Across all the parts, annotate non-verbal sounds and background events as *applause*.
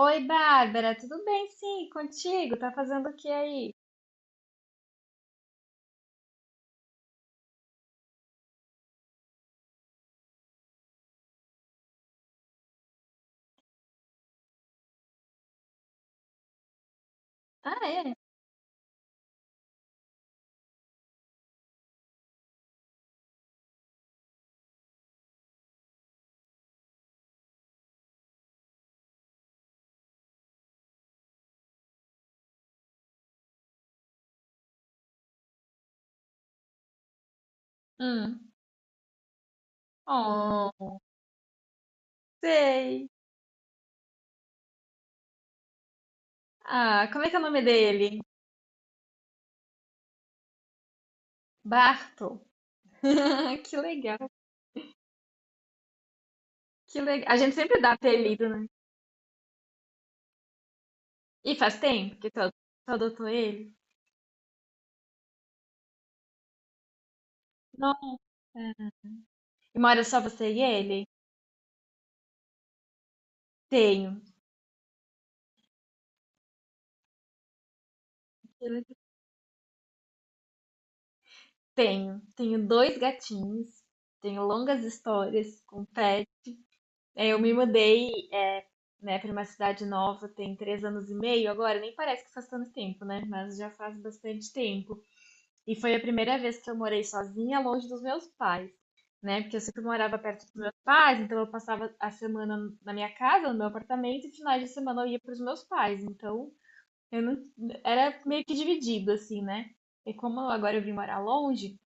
Oi, Bárbara, tudo bem? Sim, contigo? Tá fazendo o que aí? Ah, é? Hum. Oh, sei. Ah, como é que é o nome dele? Barto. *laughs* Que legal, que legal. A gente sempre dá apelido, né? E faz tempo que tu adotou ele? Nossa. E mora só você e ele? Tenho. Tenho. Tenho dois gatinhos. Tenho longas histórias com pets. É, eu me mudei, é, né, para uma cidade nova tem 3 anos e meio agora, nem parece que faz tanto tempo, né? Mas já faz bastante tempo. E foi a primeira vez que eu morei sozinha, longe dos meus pais, né? Porque eu sempre morava perto dos meus pais, então eu passava a semana na minha casa, no meu apartamento, e finais de semana eu ia para os meus pais. Então eu não era meio que dividido assim, né? E como agora eu vim morar longe,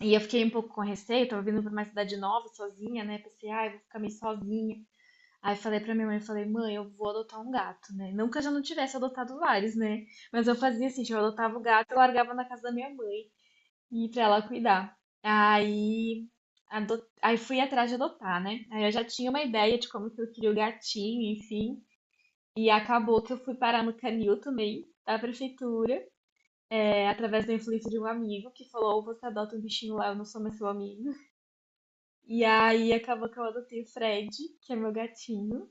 e eu fiquei um pouco com receio, tava vindo para uma cidade nova sozinha, né? Pensei, ah, eu vou ficar meio sozinha. Aí falei pra minha mãe, falei, mãe, eu vou adotar um gato, né? Não que eu já não tivesse adotado vários, né? Mas eu fazia assim, tipo, eu adotava o gato, eu largava na casa da minha mãe e pra ela cuidar. Aí, aí fui atrás de adotar, né? Aí eu já tinha uma ideia de como que eu queria o gatinho, enfim. E acabou que eu fui parar no canil também, da prefeitura, é, através da influência de um amigo que falou: ou você adota um bichinho lá, eu não sou mais seu amigo. E aí acabou que eu adotei o Fred, que é meu gatinho,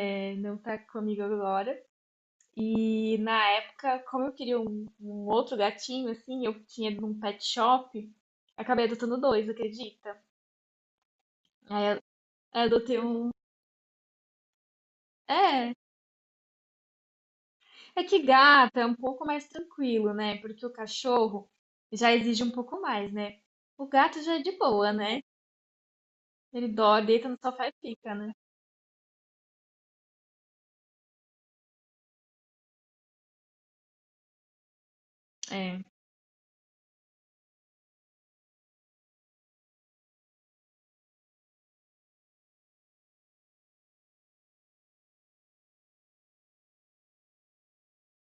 é, não tá comigo agora. E na época, como eu queria um outro gatinho, assim, eu tinha ido num pet shop, acabei adotando dois, acredita? Aí eu aí eu adotei um. É, é que gata é um pouco mais tranquilo, né? Porque o cachorro já exige um pouco mais, né? O gato já é de boa, né? Ele dorme, deita no sofá e fica, né? É.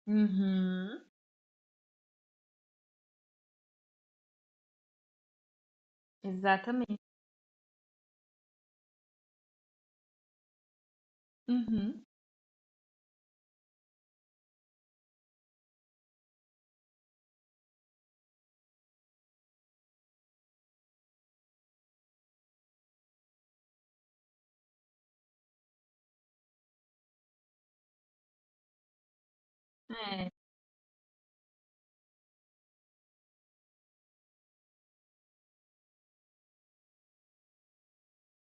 Uhum. Exatamente. Uhum.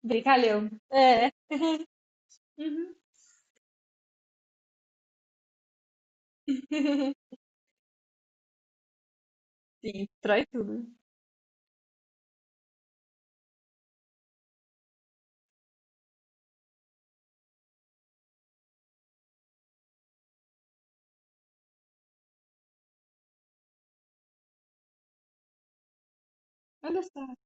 Brincalhão. É. Uhum. Sim, destrói tudo. Olha só.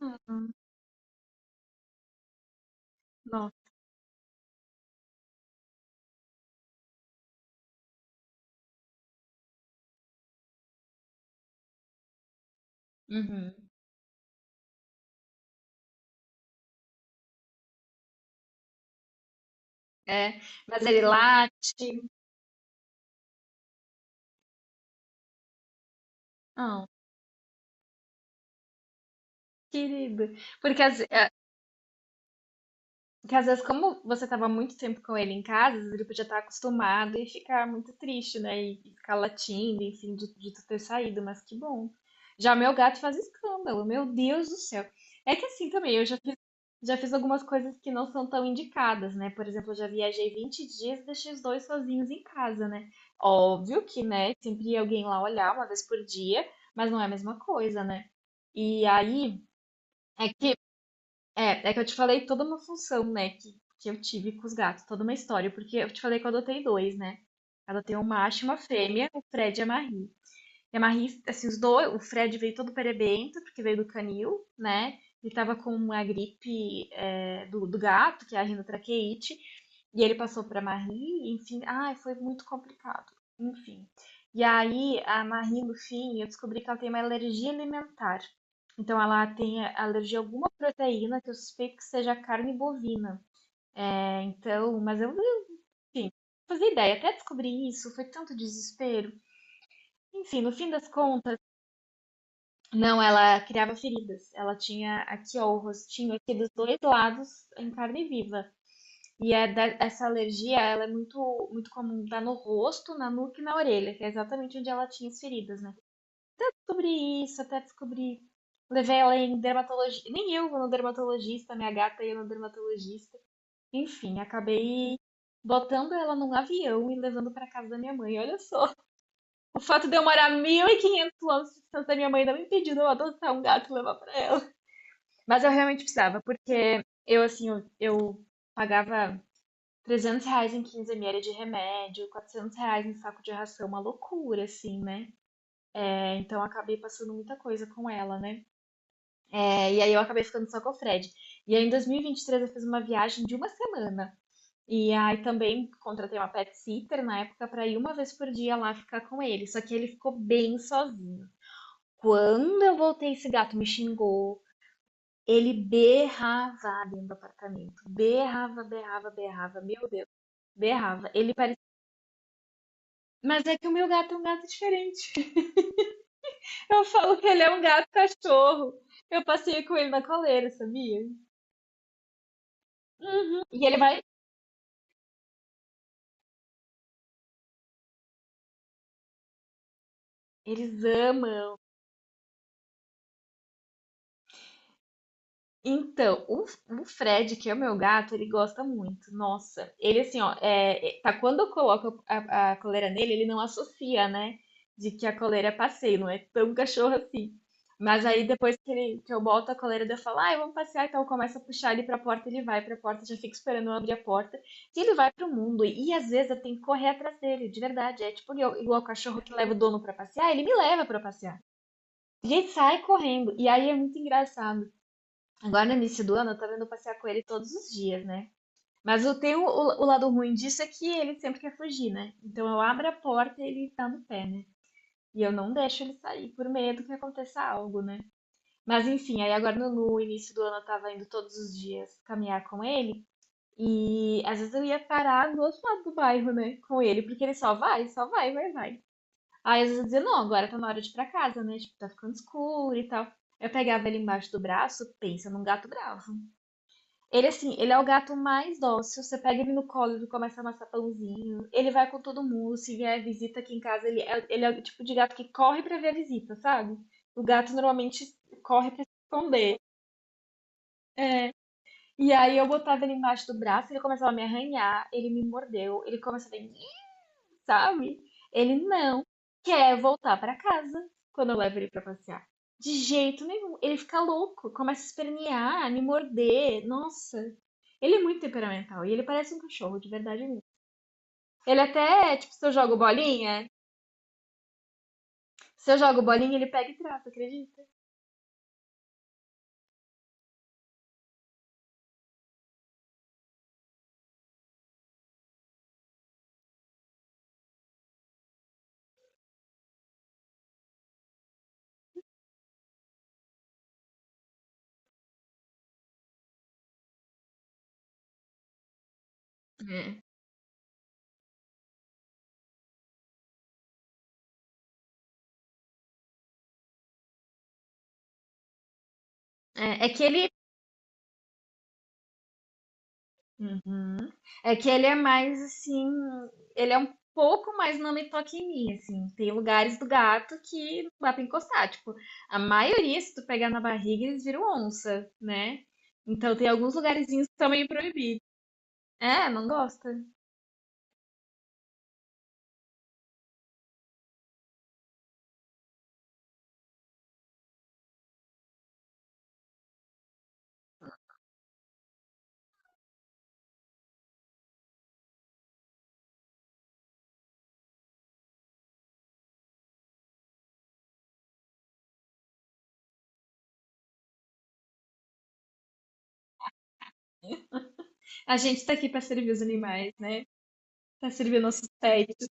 Uhum. Nossa. Uhum. É, mas ele late. Ah, querido. Porque as- Porque às vezes, como você estava muito tempo com ele em casa, às vezes ele podia estar acostumado e ficar muito triste, né? E ficar latindo, enfim, de tu ter saído, mas que bom. Já meu gato faz escândalo, meu Deus do céu. É que assim também, já fiz algumas coisas que não são tão indicadas, né? Por exemplo, eu já viajei 20 dias e deixei os dois sozinhos em casa, né? Óbvio que, né, sempre ia alguém lá olhar uma vez por dia, mas não é a mesma coisa, né? E aí, é que é que eu te falei toda uma função, né, que eu tive com os gatos, toda uma história, porque eu te falei que eu adotei dois, né? Eu adotei um macho e uma fêmea, o Fred e a Marie. E a Marie, assim, os dois, o Fred veio todo perebento, porque veio do canil, né? Ele tava com a gripe é, do gato, que é a rinotraqueite, e ele passou pra Marie, enfim, ai, foi muito complicado. Enfim. E aí, a Marie, no fim, eu descobri que ela tem uma alergia alimentar. Então, ela tem alergia a alguma proteína que eu suspeito que seja carne bovina. É, então, mas eu, enfim, não fazia ideia. Até descobrir isso, foi tanto desespero. Enfim, no fim das contas. Não, ela criava feridas. Ela tinha aqui, ó, o rostinho aqui dos dois lados em carne viva. E essa alergia, ela é muito, muito comum, dá no rosto, na nuca e na orelha, que é exatamente onde ela tinha as feridas, né? Descobri isso, até descobri. Levei ela em dermatologista. Nem eu vou no dermatologista, minha gata ia no dermatologista. Enfim, acabei botando ela num avião e levando pra casa da minha mãe. Olha só. O fato de eu morar 1.500 quilômetros de distância da minha mãe não me impediu de eu adotar um gato e levar pra ela. Mas eu realmente precisava, porque eu, assim, eu pagava R$ 300 em 15 ml de remédio, R$ 400 em saco de ração, uma loucura, assim, né? É, então eu acabei passando muita coisa com ela, né? É, e aí eu acabei ficando só com o Fred. E aí em 2023 eu fiz uma viagem de uma semana. E aí também contratei uma pet sitter na época pra ir uma vez por dia lá ficar com ele. Só que ele ficou bem sozinho. Quando eu voltei, esse gato me xingou. Ele berrava dentro do apartamento. Berrava, berrava, berrava. Meu Deus, berrava. Ele parecia. Mas é que o meu gato é um gato diferente. Eu falo que ele é um gato cachorro. Eu passeio com ele na coleira, sabia? E ele vai. Eles amam. Então, o Fred, que é o meu gato, ele gosta muito. Nossa, ele assim, ó, tá, quando eu coloco a coleira nele, ele não associa, né? De que a coleira é passeio, não é tão cachorro assim. Mas aí depois que, que eu boto a coleira, daí eu falo, ah, vamos passear, então eu começo a puxar ele pra porta, ele vai pra porta, já fico esperando eu abrir a porta, e ele vai pro mundo. E às vezes eu tenho que correr atrás dele, de verdade. É tipo igual, igual o cachorro que leva o dono pra passear, ele me leva pra passear. E ele sai correndo. E aí é muito engraçado. Agora no início do ano eu tô vendo passear com ele todos os dias, né? Mas eu tenho o lado ruim disso é que ele sempre quer fugir, né? Então eu abro a porta e ele tá no pé, né? E eu não deixo ele sair por medo que aconteça algo, né? Mas enfim, aí agora no início do ano eu tava indo todos os dias caminhar com ele. E às vezes eu ia parar do outro lado do bairro, né? Com ele, porque ele só vai, vai, vai. Aí às vezes eu dizia, não, agora tá na hora de ir pra casa, né? Tipo, tá ficando escuro e tal. Eu pegava ele embaixo do braço, pensa num gato bravo. Ele, assim, ele é o gato mais dócil. Você pega ele no colo, ele começa a amassar pãozinho. Ele vai com todo mundo. Se vier visita aqui em casa, ele é o tipo de gato que corre pra ver a visita, sabe? O gato normalmente corre pra se esconder. É. E aí eu botava ele embaixo do braço, ele começava a me arranhar, ele me mordeu, ele começava a me, sabe? Ele não quer voltar pra casa quando eu levo ele pra passear. De jeito nenhum. Ele fica louco, começa a espernear, me morder. Nossa, ele é muito temperamental e ele parece um cachorro, de verdade mesmo. Ele até, tipo, se eu jogo bolinha, ele pega e trata, acredita? É, é que ele. Uhum. É que ele é mais assim. Ele é um pouco mais não me toque em mim, assim. Tem lugares do gato que não dá pra encostar. Tipo, a maioria, se tu pegar na barriga, eles viram onça, né? Então tem alguns lugarzinhos que são meio proibidos. É, não gosta. A gente tá aqui pra servir os animais, né? Pra servir nossos pets.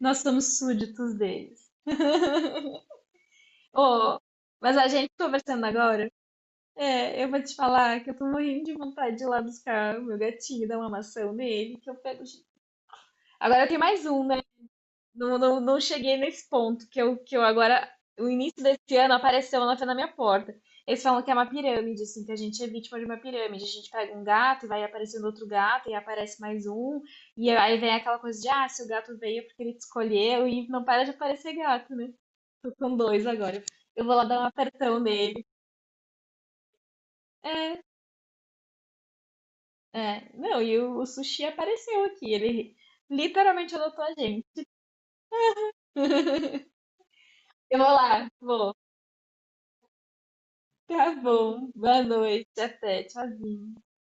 Nós somos súditos deles. *laughs* Oh, mas a gente conversando agora, é, eu vou te falar que eu tô morrendo de vontade de ir lá buscar o meu gatinho, dar uma maçã nele, que eu pego. Agora tem mais um, né? Não, não, não cheguei nesse ponto que eu, agora. O início desse ano apareceu na minha porta. Eles falam que é uma pirâmide, assim, que a gente é vítima de uma pirâmide. A gente pega um gato e vai aparecendo outro gato, e aparece mais um, e aí vem aquela coisa de, ah, se o gato veio é porque ele te escolheu, e não para de aparecer gato, né? Tô com dois agora. Eu vou lá dar um apertão nele. É, não, e o Sushi apareceu aqui. Ele literalmente adotou a gente. Eu vou lá, vou. Tá bom. Boa noite. Até. Tchauzinho.